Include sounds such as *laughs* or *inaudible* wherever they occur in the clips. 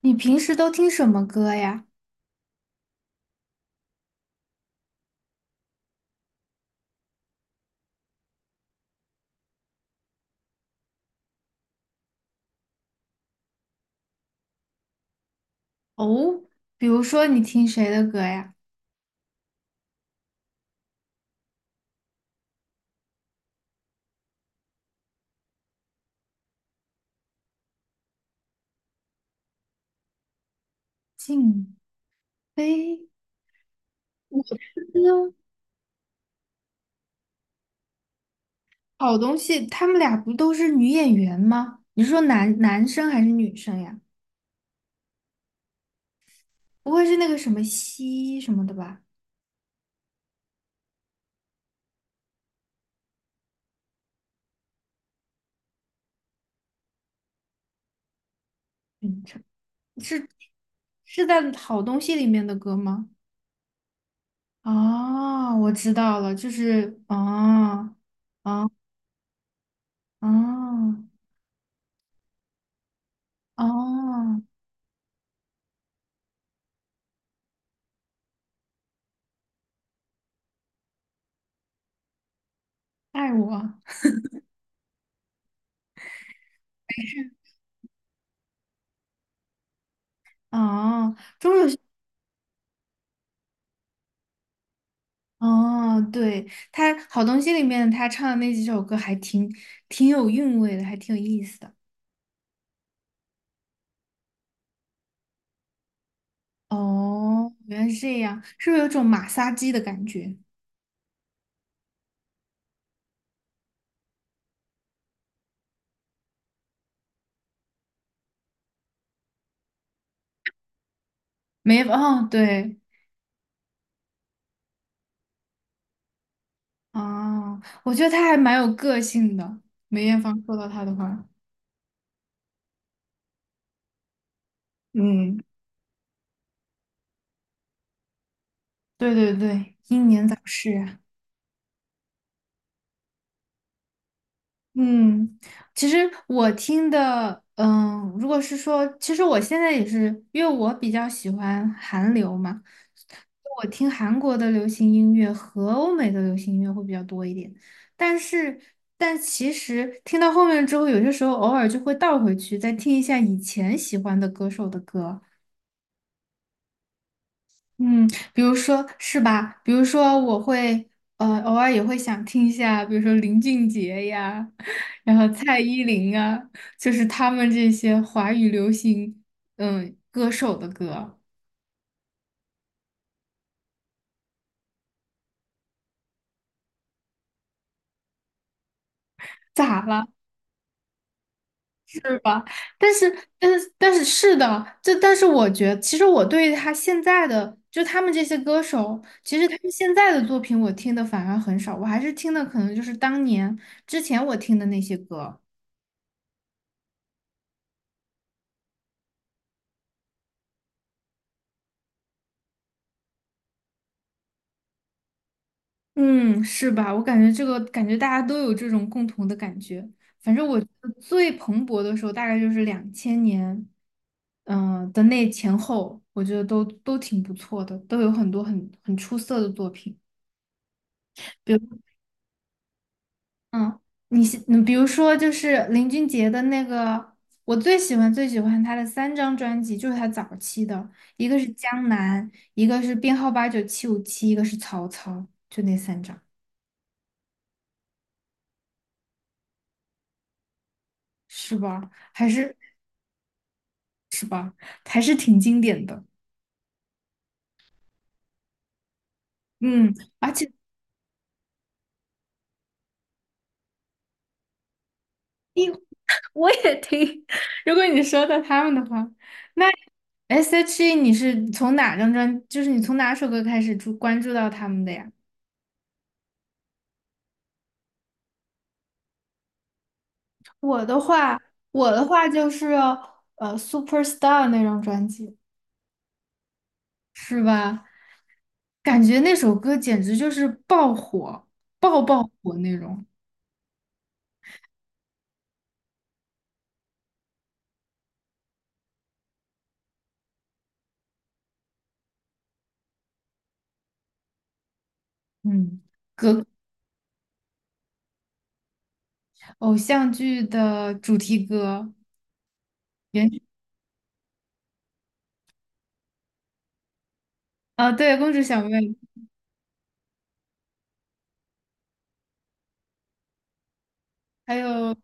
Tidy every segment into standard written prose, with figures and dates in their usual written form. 你平时都听什么歌呀？哦，比如说你听谁的歌呀？静妃、好东西，他们俩不都是女演员吗？你是说男生还是女生呀？不会是那个什么西什么的吧？嗯，是是在好东西里面的歌吗？哦，我知道了，就是哦哦哦哦，爱我哦。哦，对，他好东西里面他唱的那几首歌还挺有韵味的，还挺有意思的。哦，原来是这样，是不是有种马杀鸡的感觉？梅，哦，对，哦，我觉得他还蛮有个性的。梅艳芳说到他的话，嗯，对对对，英年早逝啊。嗯，其实我听的，如果是说，其实我现在也是，因为我比较喜欢韩流嘛，我听韩国的流行音乐和欧美的流行音乐会比较多一点。但是，但其实听到后面之后，有些时候偶尔就会倒回去，再听一下以前喜欢的歌手的歌。嗯，比如说是吧？比如说我会偶尔也会想听一下，比如说林俊杰呀，*laughs* 然后蔡依林啊，就是他们这些华语流行歌手的歌，咋了？是吧？但是是的，这但是我觉得，其实我对他现在的就他们这些歌手，其实他们现在的作品我听的反而很少，我还是听的可能就是当年之前我听的那些歌。嗯，是吧？我感觉这个感觉大家都有这种共同的感觉。反正我觉得最蓬勃的时候大概就是两千年，的那前后，我觉得都挺不错的，都有很多很出色的作品。比如，嗯，你喜嗯，比如说就是林俊杰的那个，我最喜欢他的三张专辑，就是他早期的，一个是《江南》，一个是编号八九七五七，一个是《曹操》，就那三张，是吧？还是。是吧？还是挺经典的。嗯，而且 *laughs* 因我也听，*laughs* 如果你说到他们的话，那 S.H.E 你是从哪张专，就是你从哪首歌开始关注到他们的呀？我的话，我的话就是Superstar 那张专辑，是吧？感觉那首歌简直就是爆火，爆火那种。嗯，歌偶像剧的主题歌，原啊，对，公主小妹，还有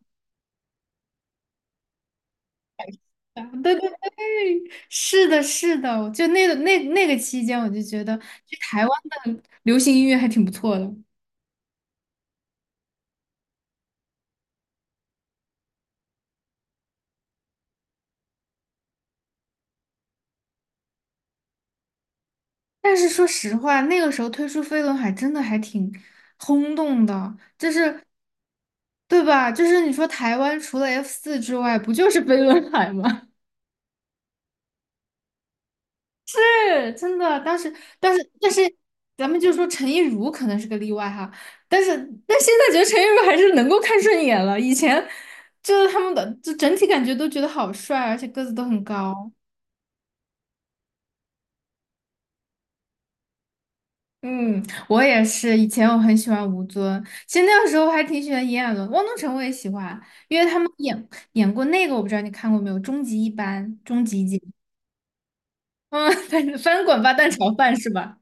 对对对，是的，是的，就那个那个期间，我就觉得就台湾的流行音乐还挺不错的。但是说实话，那个时候推出飞轮海真的还挺轰动的，就是对吧？就是你说台湾除了 F 四之外，不就是飞轮海吗？是真的，当时，但是,咱们就说陈亦儒可能是个例外哈，但是，但现在觉得陈亦儒还是能够看顺眼了。以前就是他们的，就整体感觉都觉得好帅，而且个子都很高。嗯，我也是，以前我很喜欢吴尊，其实那个时候还挺喜欢炎亚纶、汪东城，我也喜欢，因为他们演过那个，我不知道你看过没有，《终极一班》《终极一姐》，嗯，*laughs* 正翻滚吧蛋炒饭是吧？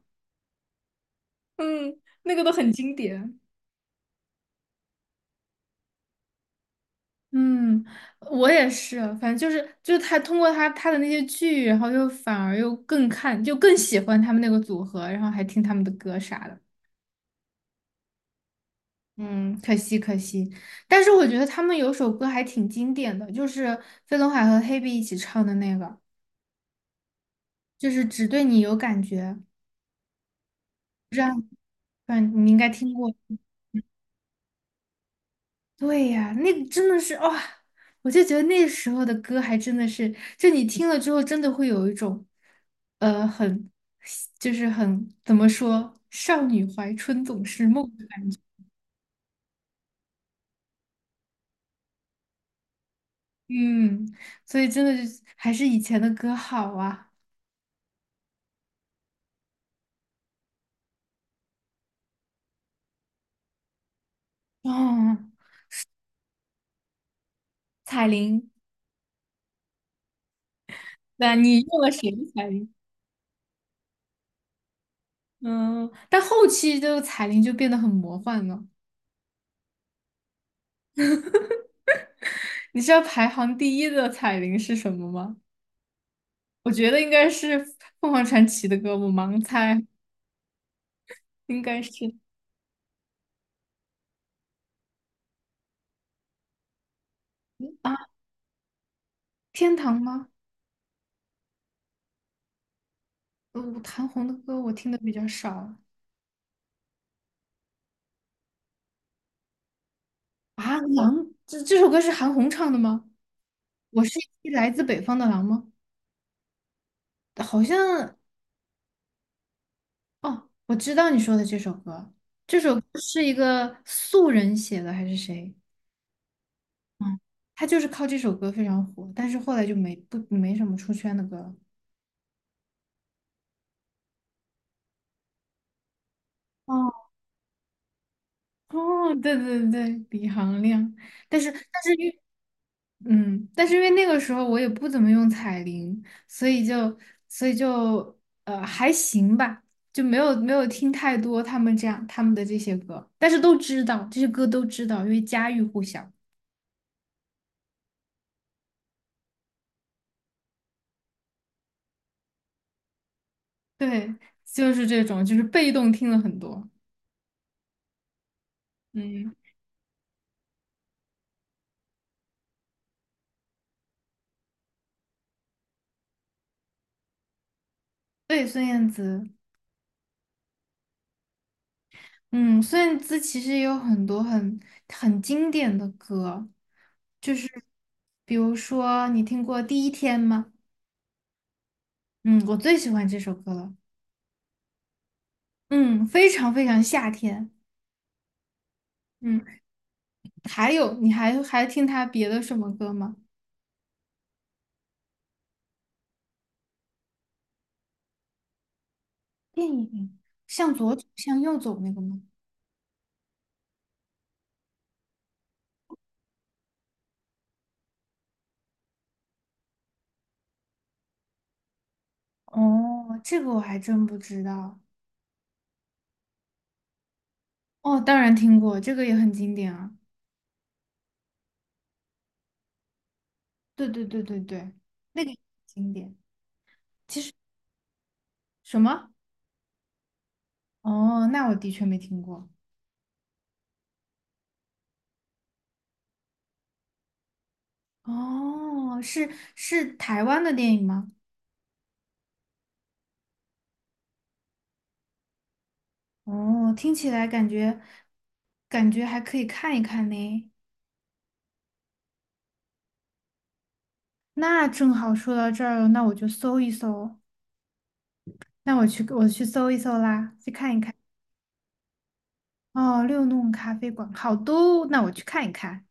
嗯，那个都很经典。嗯，我也是，反正就是他通过他的那些剧，然后又反而又更看，就更喜欢他们那个组合，然后还听他们的歌啥的。嗯，可惜可惜，但是我觉得他们有首歌还挺经典的，就是飞轮海和黑碧一起唱的那个，就是只对你有感觉，嗯，你应该听过。对呀，那个真的是哇、我就觉得那时候的歌还真的是，就你听了之后，真的会有一种，很，就是很，怎么说，少女怀春总是梦，嗯，所以真的就还是以前的歌好啊。哦，彩铃，那你用了谁的彩铃？嗯，但后期这个彩铃就变得很魔幻了。你知道排行第一的彩铃是什么吗？我觉得应该是凤凰传奇的歌，我盲猜。应该是啊，天堂吗？韩红的歌我听的比较少啊。狼，这首歌是韩红唱的吗？我是一匹来自北方的狼吗？好像哦，我知道你说的这首歌，这首歌是一个素人写的还是谁？嗯，他就是靠这首歌非常火，但是后来就没什么出圈的歌了哦哦，对对对，李行亮，但是但是因但是因为那个时候我也不怎么用彩铃，所以就所以就还行吧，就没有听太多他们的这些歌，但是都知道这些歌都知道，因为家喻户晓。对，就是这种，就是被动听了很多。嗯，对，孙燕姿，嗯，孙燕姿其实也有很多很经典的歌，就是比如说你听过《第一天》吗？嗯，我最喜欢这首歌了。嗯，非常非常夏天。嗯，还有，你还听他别的什么歌吗？电影向左走，向右走那个吗？哦，这个我还真不知道。哦，当然听过，这个也很经典啊。对对对对对，那个也很经典。什么？哦，那我的确没听过。哦，是台湾的电影吗？哦，听起来感觉还可以看一看呢。那正好说到这儿了，那我就搜一搜。那我去搜一搜啦，去看一看。哦，六弄咖啡馆好多哦，那我去看一看。